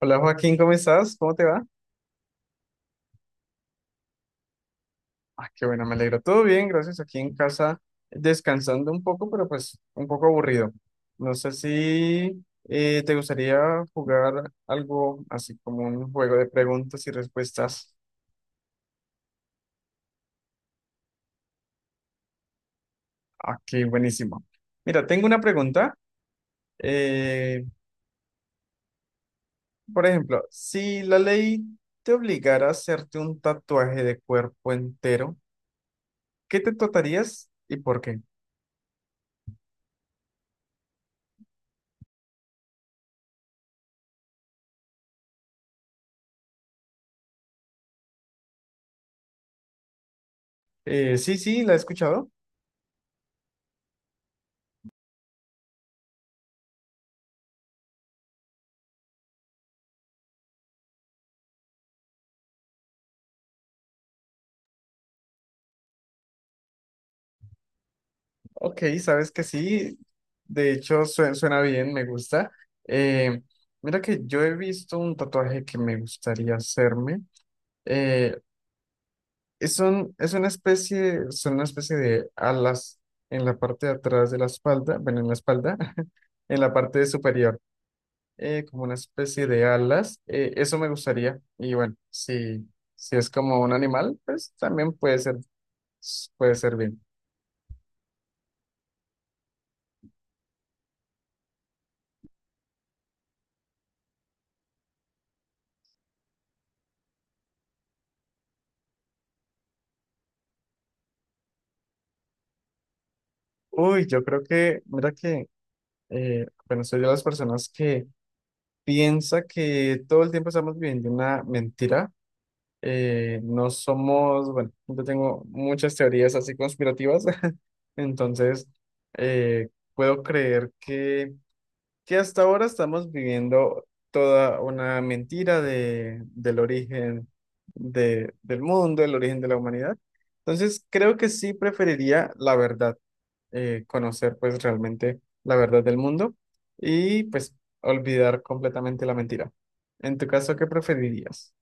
Hola, Joaquín, ¿cómo estás? ¿Cómo te va? Ah, qué bueno, me alegro. Todo bien, gracias. Aquí en casa descansando un poco, pero pues un poco aburrido. No sé si te gustaría jugar algo así como un juego de preguntas y respuestas. Aquí, buenísimo. Mira, tengo una pregunta. Eh, por ejemplo, si la ley te obligara a hacerte un tatuaje de cuerpo entero, ¿qué te tatuarías y por qué? Sí, sí, la he escuchado. Ok, sabes que sí, de hecho suena bien, me gusta. Eh, Mira que yo he visto un tatuaje que me gustaría hacerme. Eh, es es una especie, son una especie de alas en la parte de atrás de la espalda, bueno, en la espalda, en la parte superior, como una especie de alas. Eso me gustaría. Y bueno, si, si es como un animal, pues también puede ser bien. Uy, yo creo que, mira que bueno, soy de las personas que piensa que todo el tiempo estamos viviendo una mentira. No somos, bueno, yo tengo muchas teorías así conspirativas, entonces puedo creer que hasta ahora estamos viviendo toda una mentira de, del origen de- del mundo, el origen de la humanidad. Entonces creo que sí preferiría la verdad, conocer pues realmente la verdad del mundo y pues olvidar completamente la mentira. En tu caso, ¿qué preferirías?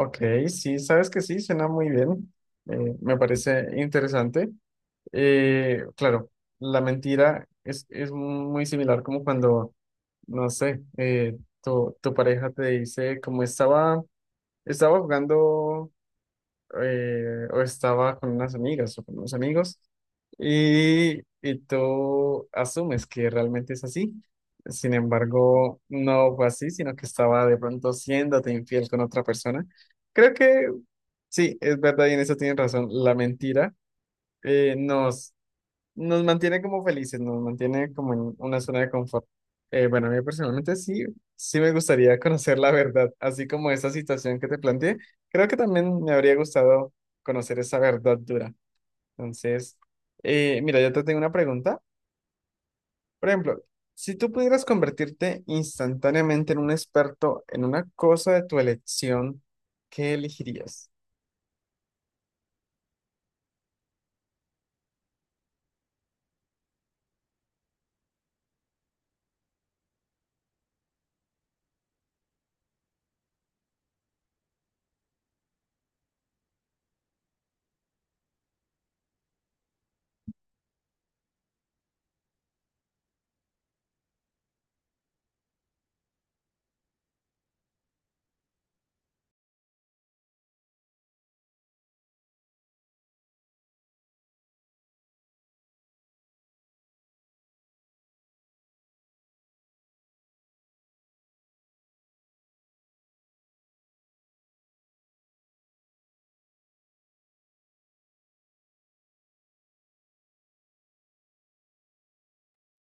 Ok, sí, sabes que sí, suena muy bien, me parece interesante. Claro, la mentira es muy similar como cuando, no sé, tu pareja te dice como estaba, estaba jugando. O estaba con unas amigas o con unos amigos y tú asumes que realmente es así. Sin embargo, no fue así, sino que estaba de pronto siéndote infiel con otra persona. Creo que sí, es verdad y en eso tienes razón. La mentira nos mantiene como felices, nos mantiene como en una zona de confort. Bueno, a mí personalmente sí, sí me gustaría conocer la verdad, así como esa situación que te planteé. Creo que también me habría gustado conocer esa verdad dura. Entonces, mira, yo te tengo una pregunta. Por ejemplo, si tú pudieras convertirte instantáneamente en un experto en una cosa de tu elección, ¿qué elegirías?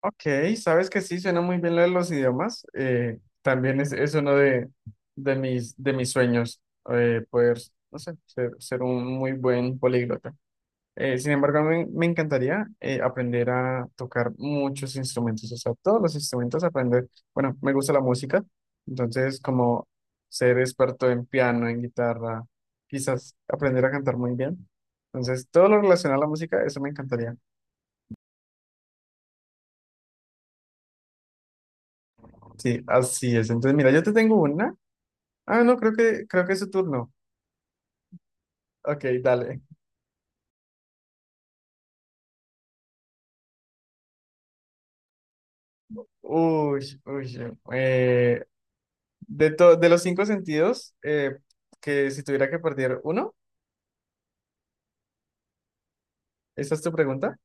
Ok, sabes que sí, suena muy bien lo de los idiomas. También es uno de mis sueños, poder, no sé, ser, ser un muy buen políglota. Sin embargo, me encantaría aprender a tocar muchos instrumentos, o sea, todos los instrumentos, aprender. Bueno, me gusta la música, entonces como ser experto en piano, en guitarra, quizás aprender a cantar muy bien. Entonces, todo lo relacionado a la música, eso me encantaría. Sí, así es. Entonces, mira, yo te tengo una. Ah, no, creo que es su turno. Ok, dale. Uy, uy. De, de los cinco sentidos, que si tuviera que perder uno, ¿esa es tu pregunta?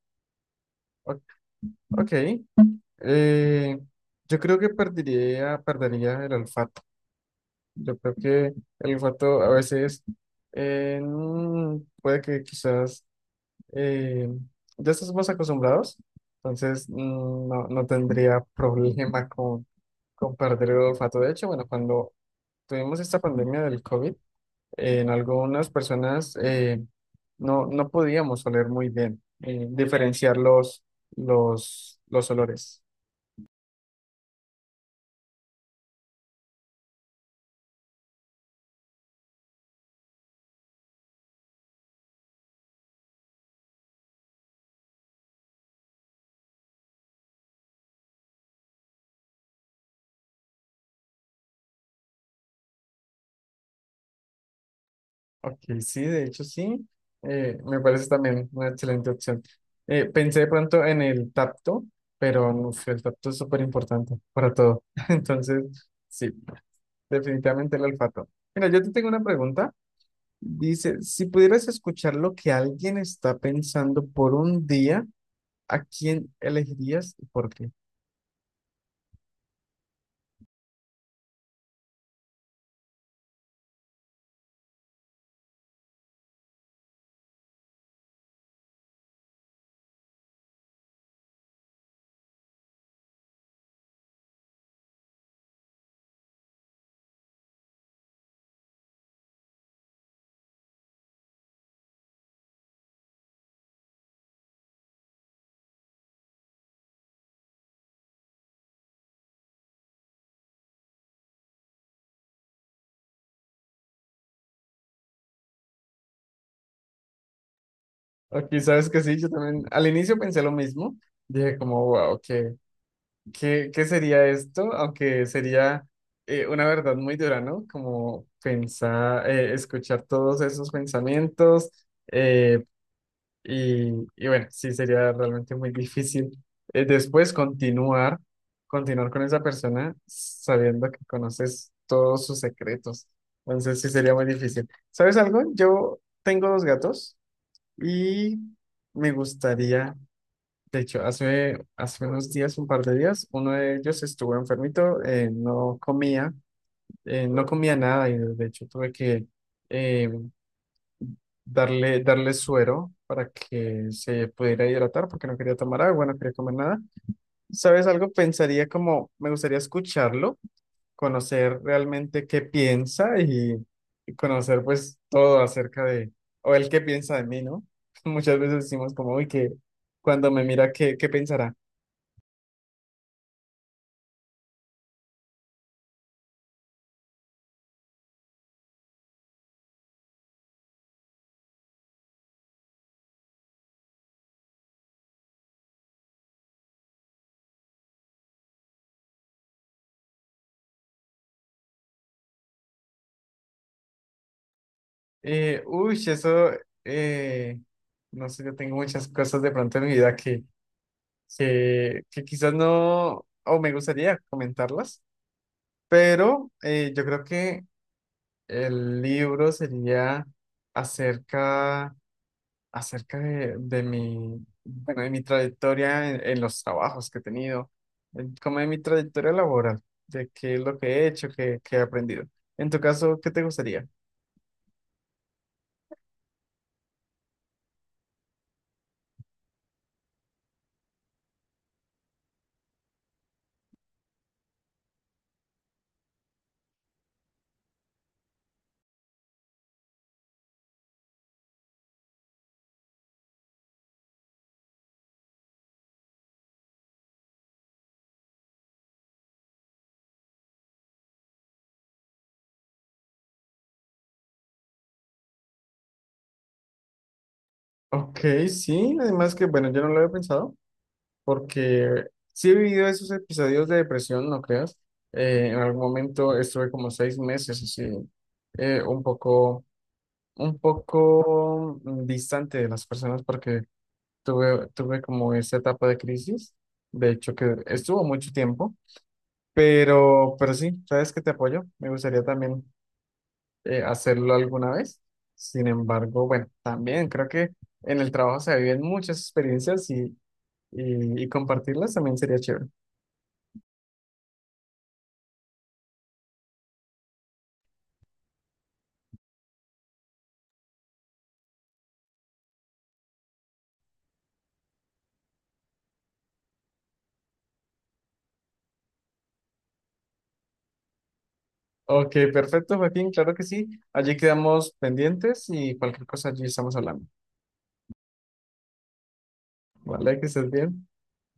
O- Ok. eh, yo creo que perdería, perdería el olfato. Yo creo que el olfato a veces eh, mm, puede que quizás eh, ya estamos acostumbrados, entonces no, no tendría problema con perder el olfato. De hecho, bueno, cuando tuvimos esta pandemia del COVID, en algunas personas no, no podíamos oler muy bien, diferenciar los olores. Ok, sí, de hecho sí, me parece también una excelente opción. Pensé de pronto en el tacto, pero uf, el tacto es súper importante para todo. Entonces, sí, definitivamente el olfato. Mira, yo te tengo una pregunta. Dice, si pudieras escuchar lo que alguien está pensando por un día, ¿a quién elegirías y por qué? Ok, sabes que sí, yo también al inicio pensé lo mismo. Dije como, wow, ¿qué, qué, qué sería esto? Aunque sería una verdad muy dura, ¿no? Como pensar, escuchar todos esos pensamientos, eh, y bueno, sí sería realmente muy difícil después continuar, continuar con esa persona sabiendo que conoces todos sus secretos. Entonces sí sería muy difícil. ¿Sabes algo? Yo tengo dos gatos y me gustaría, de hecho, hace, hace unos días, un par de días, uno de ellos estuvo enfermito, no comía, no comía nada y de hecho tuve que em, darle, darle suero para que se pudiera hidratar porque no quería tomar agua, no quería comer nada. ¿Sabes algo? Pensaría como, me gustaría escucharlo, conocer realmente qué piensa y conocer pues todo acerca de, o él qué piensa de mí, ¿no? Muchas veces decimos como, uy, que cuando me mira, ¿qué, qué pensará? Uy, eso, eh, no sé, yo tengo muchas cosas de pronto en mi vida que quizás no, o me gustaría comentarlas. Pero yo creo que el libro sería acerca, acerca de mi, bueno, de mi trayectoria en los trabajos que he tenido, en- como de mi trayectoria laboral, de qué es lo que he hecho, qué, qué he aprendido. En tu caso, ¿qué te gustaría? Ok, sí, además que, bueno, yo no lo había pensado, porque sí he vivido esos episodios de depresión, no creas. En algún momento estuve como 6 meses así, eh, un poco, un poco distante de las personas porque tuve, tuve como esa etapa de crisis, de hecho que estuvo mucho tiempo, pero sí, sabes que te apoyo, me gustaría también hacerlo alguna vez. Sin embargo, bueno, también creo que en el trabajo se viven muchas experiencias y compartirlas también sería chévere. Ok, perfecto, Joaquín, claro que sí. Allí quedamos pendientes y cualquier cosa allí estamos hablando. Vale, que estés bien.